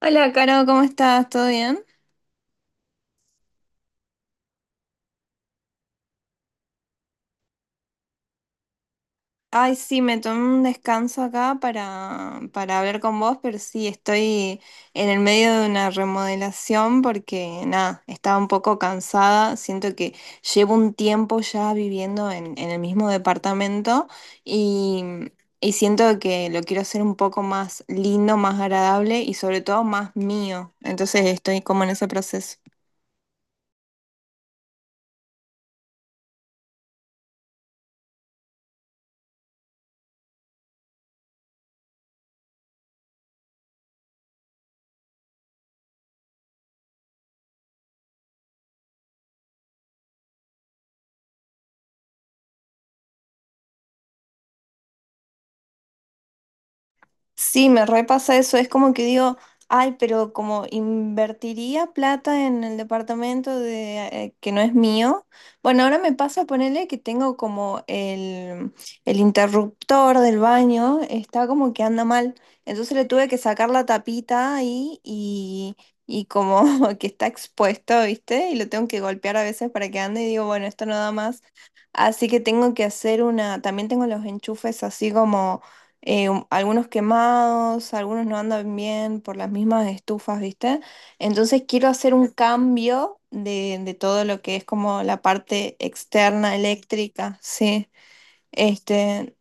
Hola, Caro, ¿cómo estás? ¿Todo bien? Ay, sí, me tomé un descanso acá para hablar con vos, pero sí, estoy en el medio de una remodelación porque, nada, estaba un poco cansada. Siento que llevo un tiempo ya viviendo en el mismo departamento y, y siento que lo quiero hacer un poco más lindo, más agradable y sobre todo más mío. Entonces estoy como en ese proceso. Sí, me repasa eso, es como que digo, ay, pero como invertiría plata en el departamento de, que no es mío. Bueno, ahora me pasa ponerle que tengo como el interruptor del baño, está como que anda mal. Entonces le tuve que sacar la tapita ahí y como que está expuesto, ¿viste? Y lo tengo que golpear a veces para que ande y digo, bueno, esto no da más. Así que tengo que hacer una, también tengo los enchufes así como algunos quemados, algunos no andan bien por las mismas estufas, ¿viste? Entonces quiero hacer un cambio de todo lo que es como la parte externa eléctrica, sí. Este,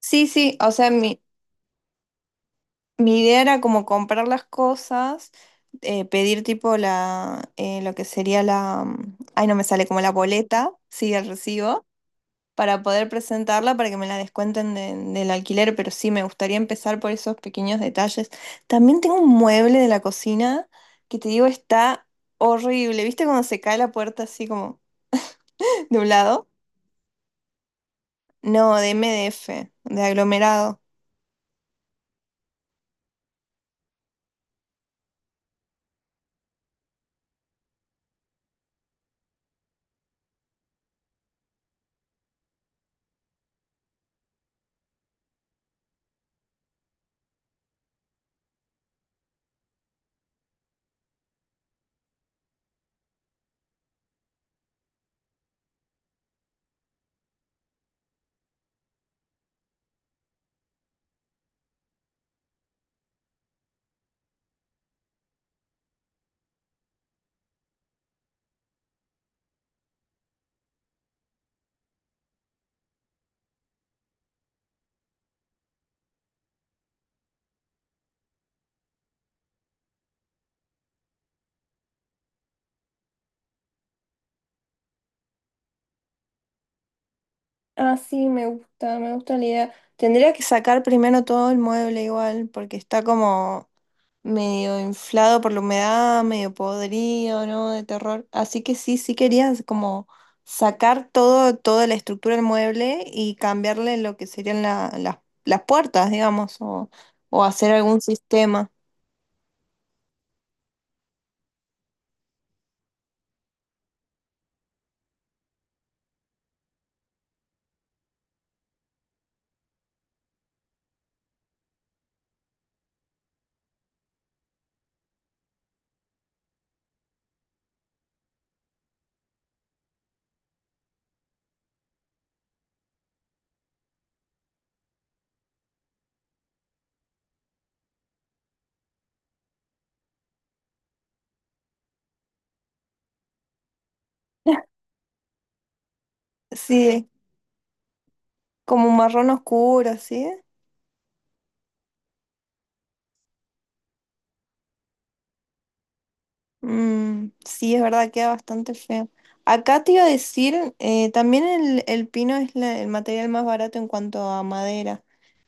sí, sí, o sea, mi idea era como comprar las cosas, pedir tipo la, lo que sería la, ay, no me sale como la boleta, sí, el recibo, para poder presentarla, para que me la descuenten del alquiler, pero sí, me gustaría empezar por esos pequeños detalles. También tengo un mueble de la cocina que te digo está horrible. ¿Viste cuando se cae la puerta así como de un lado? No, de MDF, de aglomerado. Ah, sí, me gusta la idea. Tendría que sacar primero todo el mueble igual, porque está como medio inflado por la humedad, medio podrido, ¿no? De terror. Así que sí, sí querías como sacar todo, toda la estructura del mueble y cambiarle lo que serían las puertas, digamos, o hacer algún sistema. Sí, como un marrón oscuro, ¿sí? Mm, sí, es verdad, queda bastante feo. Acá te iba a decir, también el pino es el material más barato en cuanto a madera.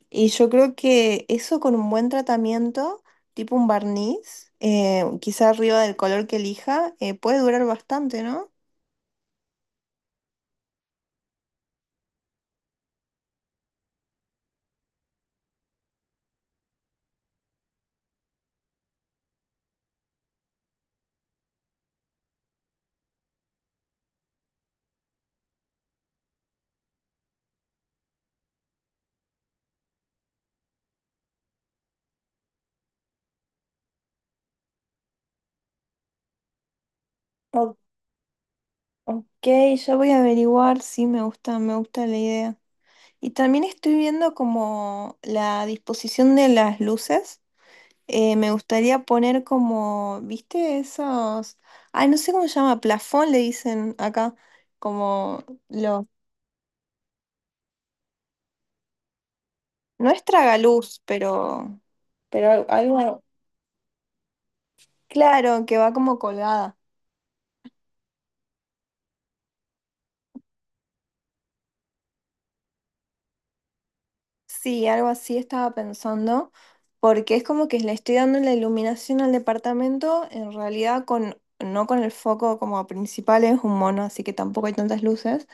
Y yo creo que eso con un buen tratamiento, tipo un barniz, quizá arriba del color que elija, puede durar bastante, ¿no? O- ok, ya voy a averiguar, sí, me gusta la idea. Y también estoy viendo como la disposición de las luces. Me gustaría poner como, ¿viste? Esos, ay, no sé cómo se llama, plafón le dicen acá, como lo, no es tragaluz, pero algo. Claro, que va como colgada. Sí, algo así estaba pensando, porque es como que le estoy dando la iluminación al departamento, en realidad con, no con el foco como principal, es un mono, así que tampoco hay tantas luces,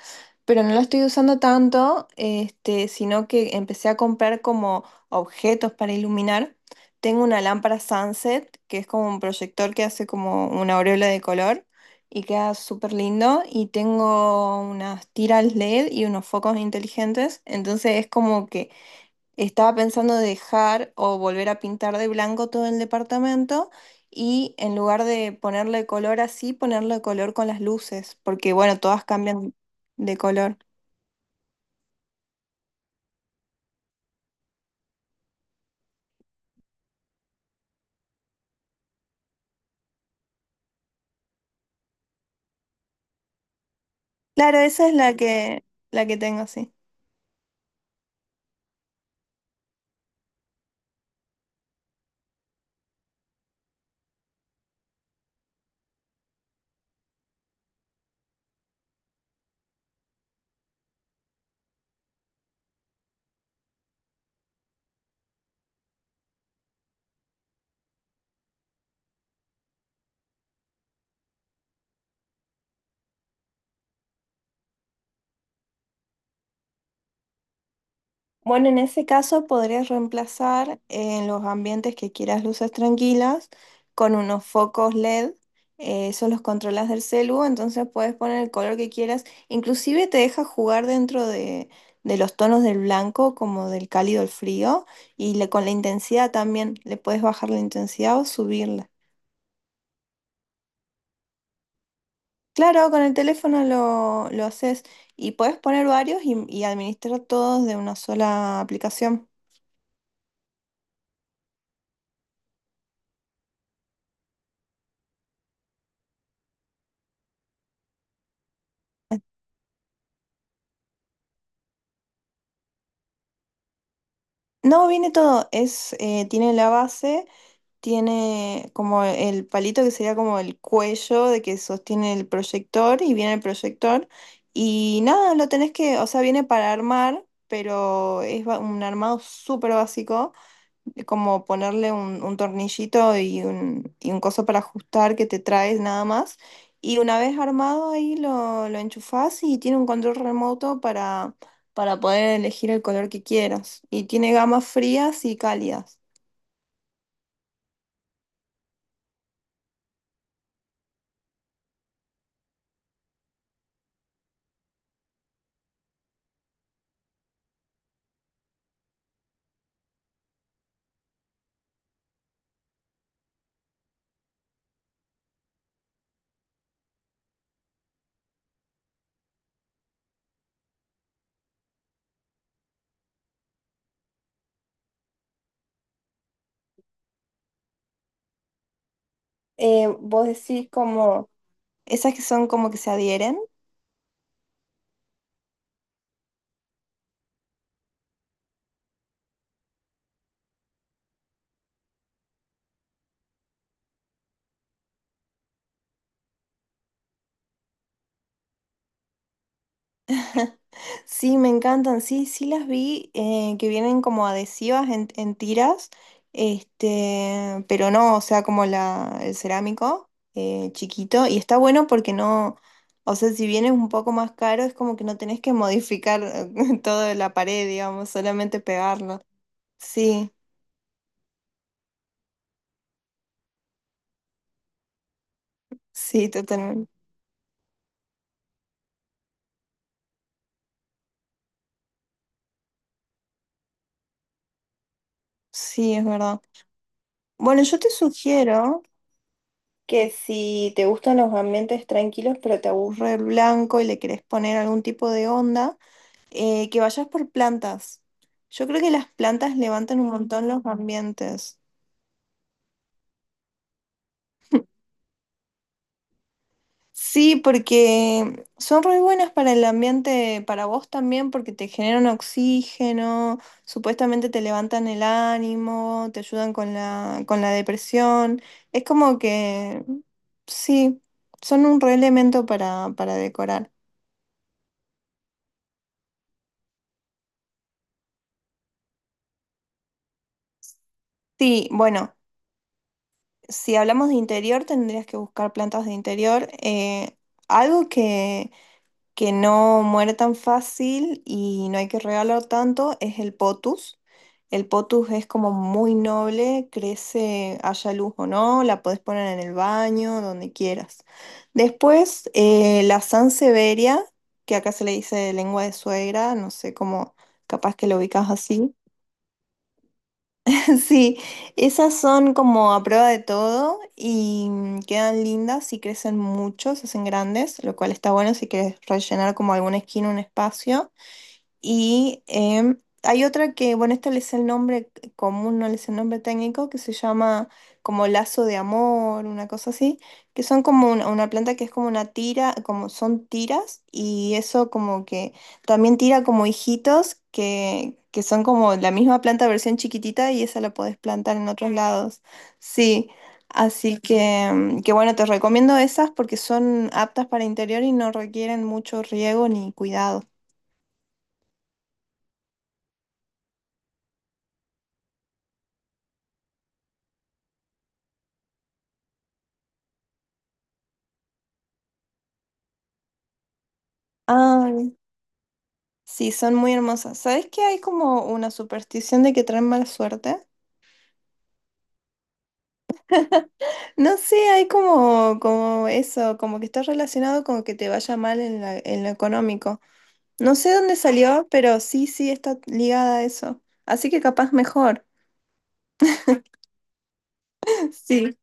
pero no lo estoy usando tanto, sino que empecé a comprar como objetos para iluminar. Tengo una lámpara sunset, que es como un proyector que hace como una aureola de color y queda súper lindo. Y tengo unas tiras LED y unos focos inteligentes. Entonces es como que estaba pensando dejar o volver a pintar de blanco todo el departamento. Y en lugar de ponerle color así, ponerle color con las luces, porque bueno, todas cambian de color. Claro, esa es la que tengo, sí. Bueno, en ese caso podrías reemplazar en los ambientes que quieras luces tranquilas con unos focos LED. Esos los controlas del celu, entonces puedes poner el color que quieras. Inclusive te deja jugar dentro de los tonos del blanco, como del cálido al frío, y con la intensidad también. Le puedes bajar la intensidad o subirla. Claro, con el teléfono lo haces y puedes poner varios y administrar todos de una sola aplicación. No, viene todo, es, tiene la base, tiene como el palito que sería como el cuello de que sostiene el proyector y viene el proyector y nada, lo tenés que, o sea, viene para armar, pero es un armado súper básico de como ponerle un tornillito y un coso para ajustar que te traes nada más. Y una vez armado ahí lo enchufás y tiene un control remoto para poder elegir el color que quieras. Y tiene gamas frías y cálidas. Vos decís como esas que son como que se adhieren. Sí, me encantan, sí, sí las vi, que vienen como adhesivas en tiras, pero no, o sea, como la, el cerámico chiquito, y está bueno porque no, o sea, si bien es un poco más caro, es como que no tenés que modificar toda la pared, digamos, solamente pegarlo. Sí, sí, totalmente. Sí, es verdad. Bueno, yo te sugiero que si te gustan los ambientes tranquilos, pero te aburre el blanco y le querés poner algún tipo de onda, que vayas por plantas. Yo creo que las plantas levantan un montón los ambientes. Sí, porque son re buenas para el ambiente, para vos también, porque te generan oxígeno, supuestamente te levantan el ánimo, te ayudan con la depresión. Es como que, sí, son un re elemento para decorar. Sí, bueno, si hablamos de interior, tendrías que buscar plantas de interior. Algo que no muere tan fácil y no hay que regalar tanto es el potus. El potus es como muy noble, crece, haya luz o no, la podés poner en el baño, donde quieras. Después, la sansevieria, que acá se le dice lengua de suegra, no sé cómo, capaz que lo ubicas así. Sí, esas son como a prueba de todo y quedan lindas y crecen mucho, se hacen grandes, lo cual está bueno si quieres rellenar como alguna esquina, un espacio. Y hay otra que, bueno, esta es el nombre común, no es el nombre técnico, que se llama como lazo de amor, una cosa así, que son como una planta que es como una tira, como son tiras, y eso como que también tira como hijitos que son como la misma planta versión chiquitita y esa la podés plantar en otros lados. Sí. Así que, que bueno, te recomiendo esas porque son aptas para interior y no requieren mucho riego ni cuidado. Ah, sí, son muy hermosas. ¿Sabes que hay como una superstición de que traen mala suerte? No sé, hay como, como eso, como que está relacionado con que te vaya mal en en lo económico. No sé dónde salió, pero sí, sí, está ligada a eso. Así que capaz mejor. Sí.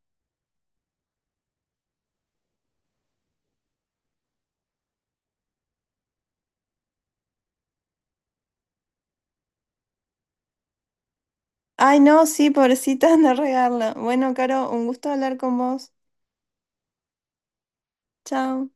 Ay, no, sí, pobrecita, anda a regarla. Bueno, Caro, un gusto hablar con vos. Chao.